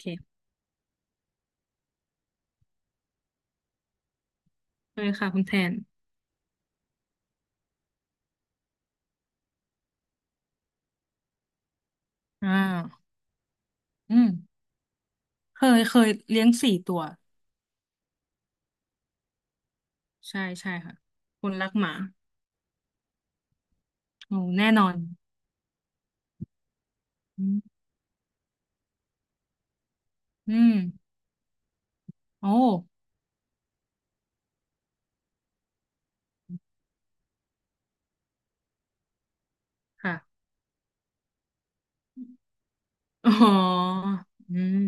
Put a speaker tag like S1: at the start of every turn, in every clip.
S1: เคเคยค่ะคุณแทนอ่าอืมเคยเลี้ยงสี่ตัว ใช่ใช่ค่ะ คนรักหมาโอ้แน่นอนอืมอืมโอ้ ค่ะอ๋ออืม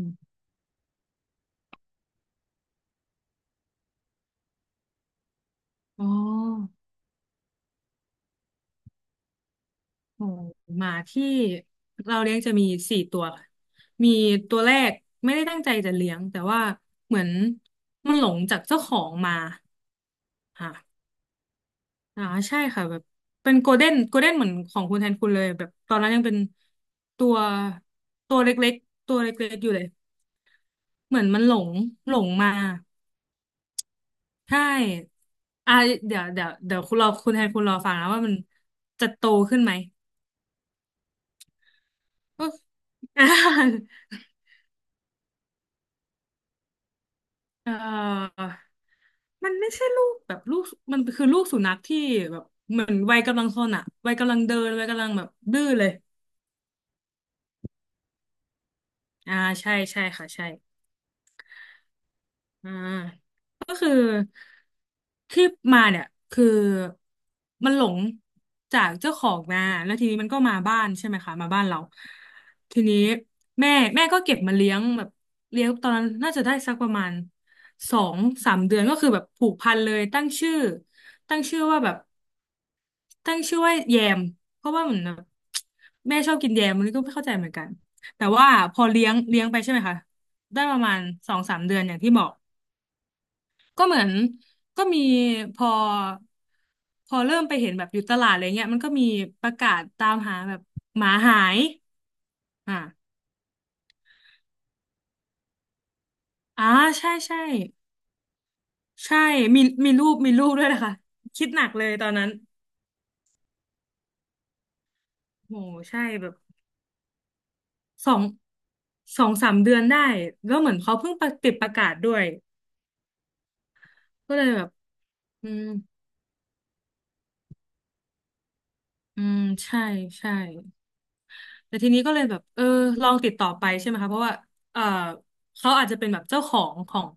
S1: อ๋อโอ้หมาที่เราเลี้ยงจะมีสี่ตัวค่ะมีตัวแรกไม่ได้ตั้งใจจะเลี้ยงแต่ว่าเหมือนมันหลงจากเจ้าของมาค่ะ อ่าใช่ค่ะแบบเป็นโกลเด้นโกลเด้นเหมือนของคุณแทนคุณเลยแบบตอนนั้นยังเป็นตัวตัวเล็กๆตัวเล็กๆอยู่เลยเหมือนมันหลงมาใช่อ่าเดี๋ยวคุณรอคุณแทนคุณรอฟังนะว่ามันจะโตขึ้นไหมก็อ่า เออมันไม่ใช่ลูกแบบลูกมันคือลูกสุนัขที่แบบเหมือนวัยกำลังซนอ่ะวัยกำลังเดินวัยกำลังแบบดื้อเลยอ่าใช่ใช่ค่ะใช่ อ่าก็คือที่มาเนี่ยคือมันหลงจากเจ้าของมาแล้วทีนี้มันก็มาบ้านใช่ไหมคะมาบ้านเราทีนี้แม่แม่ก็เก็บมาเลี้ยงแบบเลี้ยงตอนนั้นน่าจะได้สักประมาณสองสามเดือนก็คือแบบผูกพันเลยตั้งชื่อว่าแบบตั้งชื่อว่าแยมเพราะว่าเหมือนแบบแม่ชอบกินแยมมันนก็ไม่เข้าใจเหมือนกันแต่ว่าพอเลี้ยงไปใช่ไหมคะได้ประมาณสองสามเดือนอย่างที่บอก ก็เหมือนก็มีพอพอเริ่มไปเห็นแบบอยู่ตลาดอะไรเงี้ยมันก็มีประกาศตามหาแบบหมาหายอ่าอ่าใช่ใช่มีมีรูปด้วยนะคะคิดหนักเลยตอนนั้นโหใช่แบบสองสองสามเดือนได้แล้วเหมือนเขาเพิ่งประติดประกาศด้วยก็เลยแบบอืมอืมใช่ใช่ แต่ทีนี้ก็เลยแบบเออลองติดต่อไปใช่ไหมคะเพราะว่าเออเขาอาจจะเป็นแบบเจ้าของของ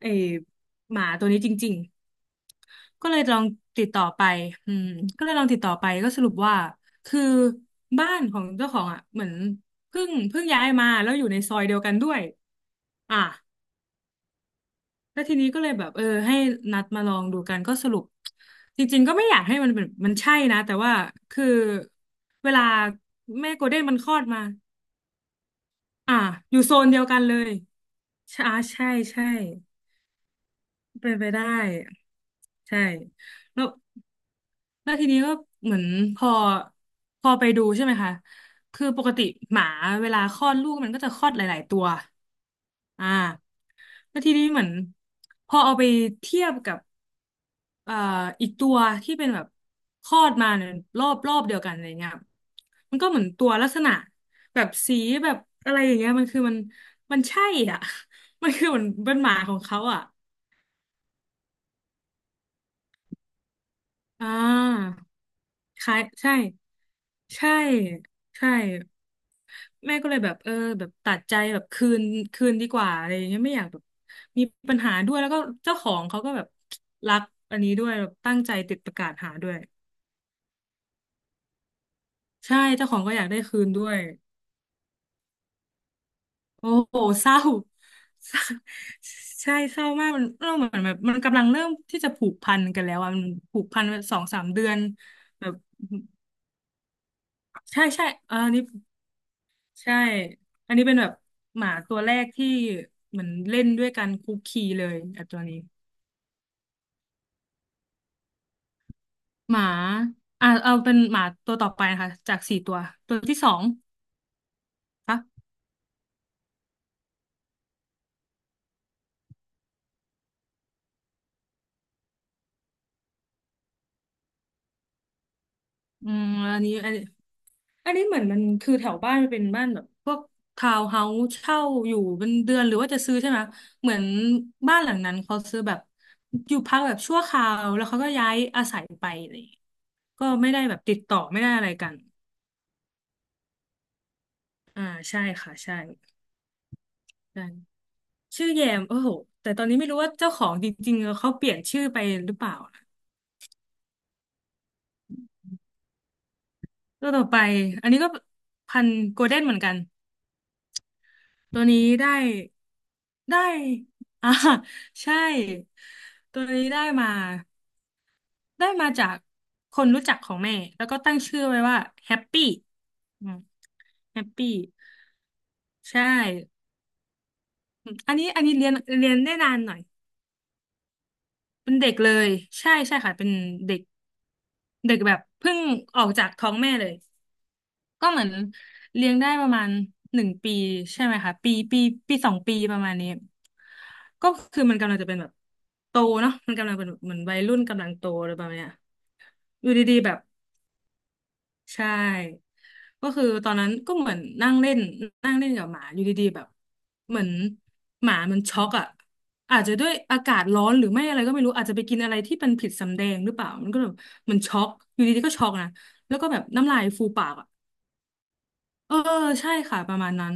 S1: ไอ้หมาตัวนี้จริงๆก็เลยลองติดต่อไปอืมก็เลยลองติดต่อไปก็สรุปว่าคือบ้านของเจ้าของอ่ะเหมือนเพิ่งย้ายมาแล้วอยู่ในซอยเดียวกันด้วยอ่ะแล้วทีนี้ก็เลยแบบเออให้นัดมาลองดูกันก็สรุปจริงๆก็ไม่อยากให้มันเป็นมันใช่นะแต่ว่าคือเวลาแม่โกลเด้นมันคลอดมา อ่ะอยู่โซนเดียวกันเลยใช่าใช่ใช่เป็นไปได้ใช่แล้วทีนี้ก็เหมือนพอพอไปดูใช่ไหมคะคือปกติหมาเวลาคลอดลูกมันก็จะคลอดหลายๆตัวอ่าแล้วทีนี้เหมือนพอเอาไปเทียบกับ เอ่ออีกตัวที่เป็นแบบคลอดมาเนี่ยรอบเดียวกันอะไรเงี้ยมันก็เหมือนตัวลักษณะแบบสีแบบอะไรอย่างเงี้ยมันคือมันใช่อ่ะ มันคือเหมือนเป็นหมาของเขาอ่ะอ่าคล้ายใช่ใช่ใช่แม่ก็เลยแบบเออแบบตัดใจแบบคืนคืนดีกว่าอะไรอย่างเงี้ยไม่อยากแบบมีปัญหาด้วยแล้วก็เจ้าของเขาก็แบบรักอันนี้ด้วยแบบตั้งใจติดประกาศหาด้วยใช่เจ้าของก็อยากได้คืนด้วย โอ้โหเศร้า เศร้าใช่เศร้ามากมันเริ่มเหมือนแบบมันกำลังเริ่มที่จะผูกพันกันแล้วอ่ะมันผูกพันแบบสองสามเดือนแบบใช่ใช่เออใช่อันนี้เป็นแบบหมาตัวแรกที่เหมือนเล่นด้วยกันคุกคีเลยไอบตัวนี้หมาอ่ะเอาเป็นหมาตัวต่อไปนะคะจากสี่ตัวตัวที่สองค่ะอืมอันนี้ อันนี้เหมือนมันคือแถวบ้านมันเป็นบ้านแบบพวกทาวน์เฮาส์เช่าอยู่เป็นเดือนหรือว่าจะซื้อใช่ไหมเหมือนบ้านหลังนั้นเขาซื้อแบบอยู่พักแบบชั่วคราวแล้วเขาก็ย้ายอาศัยไปอะไรอย่างเลยก็ไม่ได้แบบติดต่อไม่ได้อะไรกันอ่าใช่ค่ะใช่ใช่ชื่อแยมโอ้โหแต่ตอนนี้ไม่รู้ว่าเจ้าของจริงๆเขาเปลี่ยนชื่อไปหรือเปล่านะตัวต่อไปอันนี้ก็พันธุ์โกลเด้นเหมือนกัน ตัวนี้ได้อ่า ใช่ ตัวนี้ได้มาจากคนรู้จักของแม่แล้วก็ตั้งชื่อไว้ว่าแฮปปี้อืมแฮปปี้ใช่อืมอันนี้เรียนได้นานหน่อย เป็นเด็กเลย ใช่ใช่ค่ะเป็นเด็กเด็กแบบเพิ่งออกจากท้องแม่เลย ก็เหมือนเลี้ยงได้ประมาณ1 ปีใช่ไหมคะปีปีปี2 ปีประมาณนี้ก็คือมันกำลังจะเป็นแบบโตเนาะมันกำลังเป็นเหมือนวัยรุ่นกำลังโตอะไรประมาณเนี้ยอยู่ดีๆแบบใช่ก็คือตอนนั้นก็เหมือนนั่งเล่นนั่งเล่นกับหมาอยู่ดีๆแบบเหมือนหมามันช็อกอ่ะอาจจะด้วยอากาศร้อนหรือไม่อะไรก็ไม่รู้อาจจะไปกินอะไรที่เป็นผิดสำแดงหรือเปล่ามันก็แบบมันช็อกอยู่ดีๆก็ช็อกนะแล้วก็แบบน้ำลายฟูปากอ่ะเออใช่ค่ะประมาณนั้น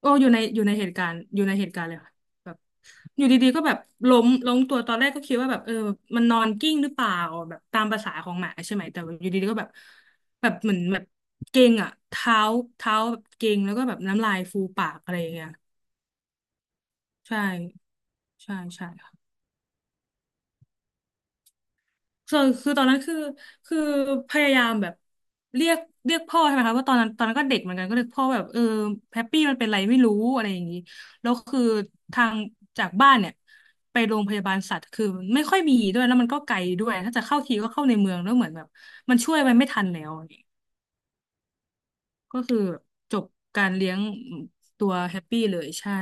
S1: โอ้อยู่ในอยู่ในเหตุการณ์อยู่ในเหตุการณ์เลยค่ะแบบอยู่ดีๆก็แบบล้มล้มตัวตอนแรกก็คิดว่าแบบเออมันนอนกิ้งหรือเปล่าแบบตามประสาของหมาใช่ไหมแต่ว่าอยู่ดีๆก็แบบแบบเหมือนแบบเก่งอ่ะเท้าเท้าแบบเก่งแล้วก็แบบน้ำลายฟูปากอะไรอย่างเงี้ยใช่ใช่ใช่ ส่วนคือตอนนั้นคือคือพยายามแบบเรียกเรียกพ่อใช่ไหมคะว่าะตอนนั้นตอนนั้นก็เด็กเหมือนกันก็เรียกพ่อแบบเออแฮปปี้มันเป็นไรไม่รู้อะไรอย่างนี้แล้วคือทางจากบ้านเนี่ยไปโรงพยาบาลสัตว์คือไม่ค่อยมีด้วยแล้วมันก็ไกลด้วยถ้าจะเข้าทีก็เข้าในเมืองแล้วเหมือนแบบมันช่วยไปไม่ทันแล้วอย่างงี้ก็คือจบการเลี้ยงตัวแฮปปี้เลยใช่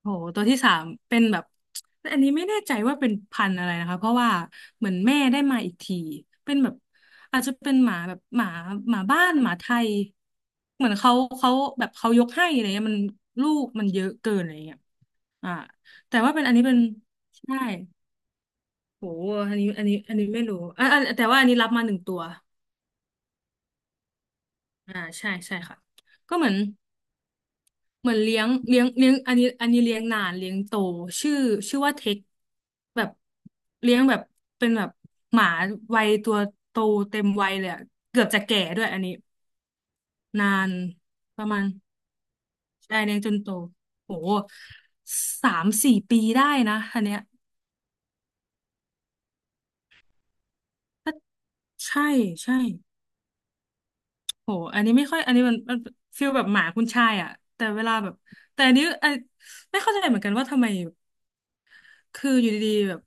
S1: โหตัวที่สามเป็นแบบอันนี้ไม่แน่ใจว่าเป็นพันธุ์อะไรนะคะเพราะว่าเหมือนแม่ได้มาอีกทีเป็นแบบอาจจะเป็นหมาแบบหมาหมาบ้านหมาไทยเหมือนเขาเขาแบบเขายกให้อะไรเงี้ยมันลูกมันเยอะเกินอะไรเงี้ยอ่าแต่ว่าเป็นอันนี้เป็นใช่โหอันนี้อันนี้อันนี้ไม่รู้อ่าแต่ว่าอันนี้รับมา1 ตัวอ่าใช่ใช่ค่ะก็เหมือน เหมือนเลี้ยงเลี้ยงเลี้ยงอันนี้อันนี้เลี้ยงนานเลี้ยงโตชื่อชื่อว่าเทคแบบเลี้ยงแบบเป็นแบบหมาวัยตัวโตเต็มวัยเลยอะเกือบจะแก่ด้วยอันนี้นานประมาณได้เลี้ยงจนโตโห3-4 ปีได้นะอันเนี้ยใช่ใช่โหอันนี้ไม่ค่อยอันนี้มันมันฟีลแบบหมาคุณชายอะแต่เวลาแบบแต่อันนี้อันไม่เข้าใจเหมือนกันว่าทำไมคืออยู่ดีๆแบบ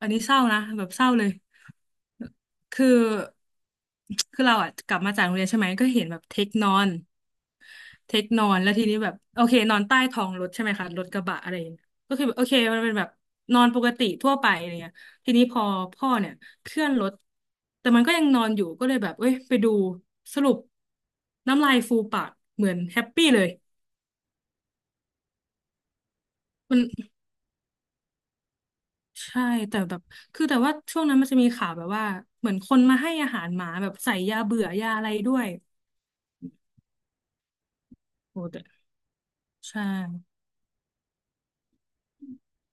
S1: อันนี้เศร้านะแบบเศร้าเลย คือคือเราอ่ะกลับมาจากโรงเรียนใช่ไหมก็เห็นแบบเทคนอนเทคนอนแล้วทีนี้แบบโอเคนอนใต้ท้องรถใช่ไหมคะรถกระบะอะไรอย่างเงี้ยก็คือแบบโอเคมันเป็นแบบนอนปกติทั่วไปอะไรเงี้ยทีนี้พอพ่อเนี่ยเคลื่อนรถแต่มันก็ยังนอนอยู่ก็เลยแบบเอ้ยไปดูสรุปน้ำลายฟูปากเหมือนแฮปปี้เลยมันใช่แต่แบบคือแต่ว่าช่วงนั้นมันจะมีข่าวแบบว่าเหมือนคนมาให้อาหารหมาแบบใส่ยาเบื่อยาอะไรด้วยโอ้แต่ใช่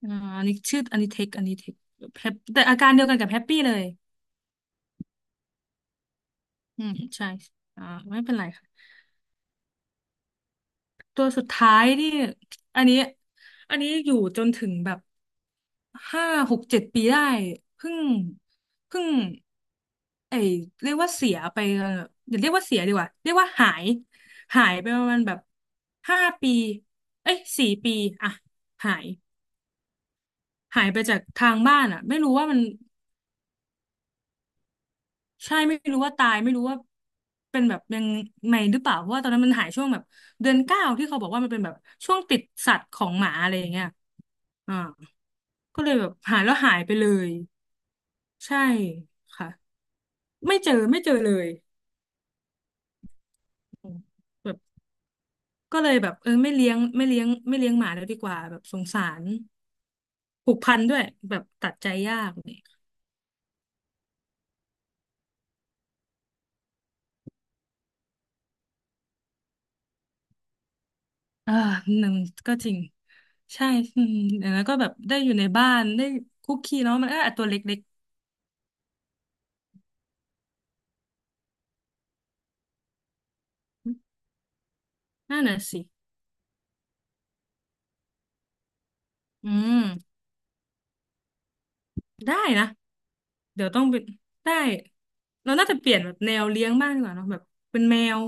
S1: อ่าอันนี้ชื่อ อันนี้เทคอันนี้เทคแฮปแต่อาการเดียวกันกับแฮปปี้เลยอืมใช่อ่าไม่เป็นไรค่ะตัวสุดท้ายนี่อันนี้อันนี้อยู่จนถึงแบบ5-6-7 ปีได้เพิ่งเพิ่งไอเรียกว่าเสียไปอย่าเรียกว่าเสียดีกว่าเรียกว่าหายหายไปประมาณแบบ5 ปีเอ้ยสี่ปีอ่ะหายหายไปจากทางบ้านอ่ะไม่รู้ว่ามัน ใช่ไม่รู้ว่าตายไม่รู้ว่าเป็นแบบยังไงหรือเปล่าเพราะว่าตอนนั้นมันหายช่วงแบบเดือน 9ที่เขาบอกว่ามันเป็นแบบช่วงติดสัตว์ของหมาอะไรอย่างเงี้ยอ่าก็เลยแบบหายแล้วหายไปเลยใช่ค่ะไม่เจอไม่เจอเลยอืมแบบก็เลยแบบเออไม่เลี้ยงไม่เลี้ยงไม่เลี้ยงหมาแล้วดีกว่าแบบสงสารผูกพันด้วยแบบตัดใจยากเนี่ยอ่าหนึ่งก็จริงใช่อืมแล้วก็แบบได้อยู่ในบ้านได้คุกคีเนาะมันก็อ่ะตัวเล็ก นั่นน่ะสิอืมได้นะ เดี๋ยวต้องไปได้ เราน่าจะเปลี่ยนแบบแนวเลี้ยงบ้างดีกว่าเนอะแบบเป็นแมว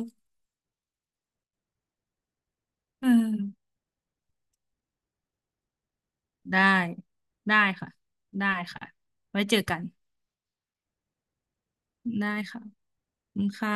S1: เออได้ ได้ค่ะ ได้ค่ะ ไว้เจอกัน ได้ค่ะขอบคุณค่ะ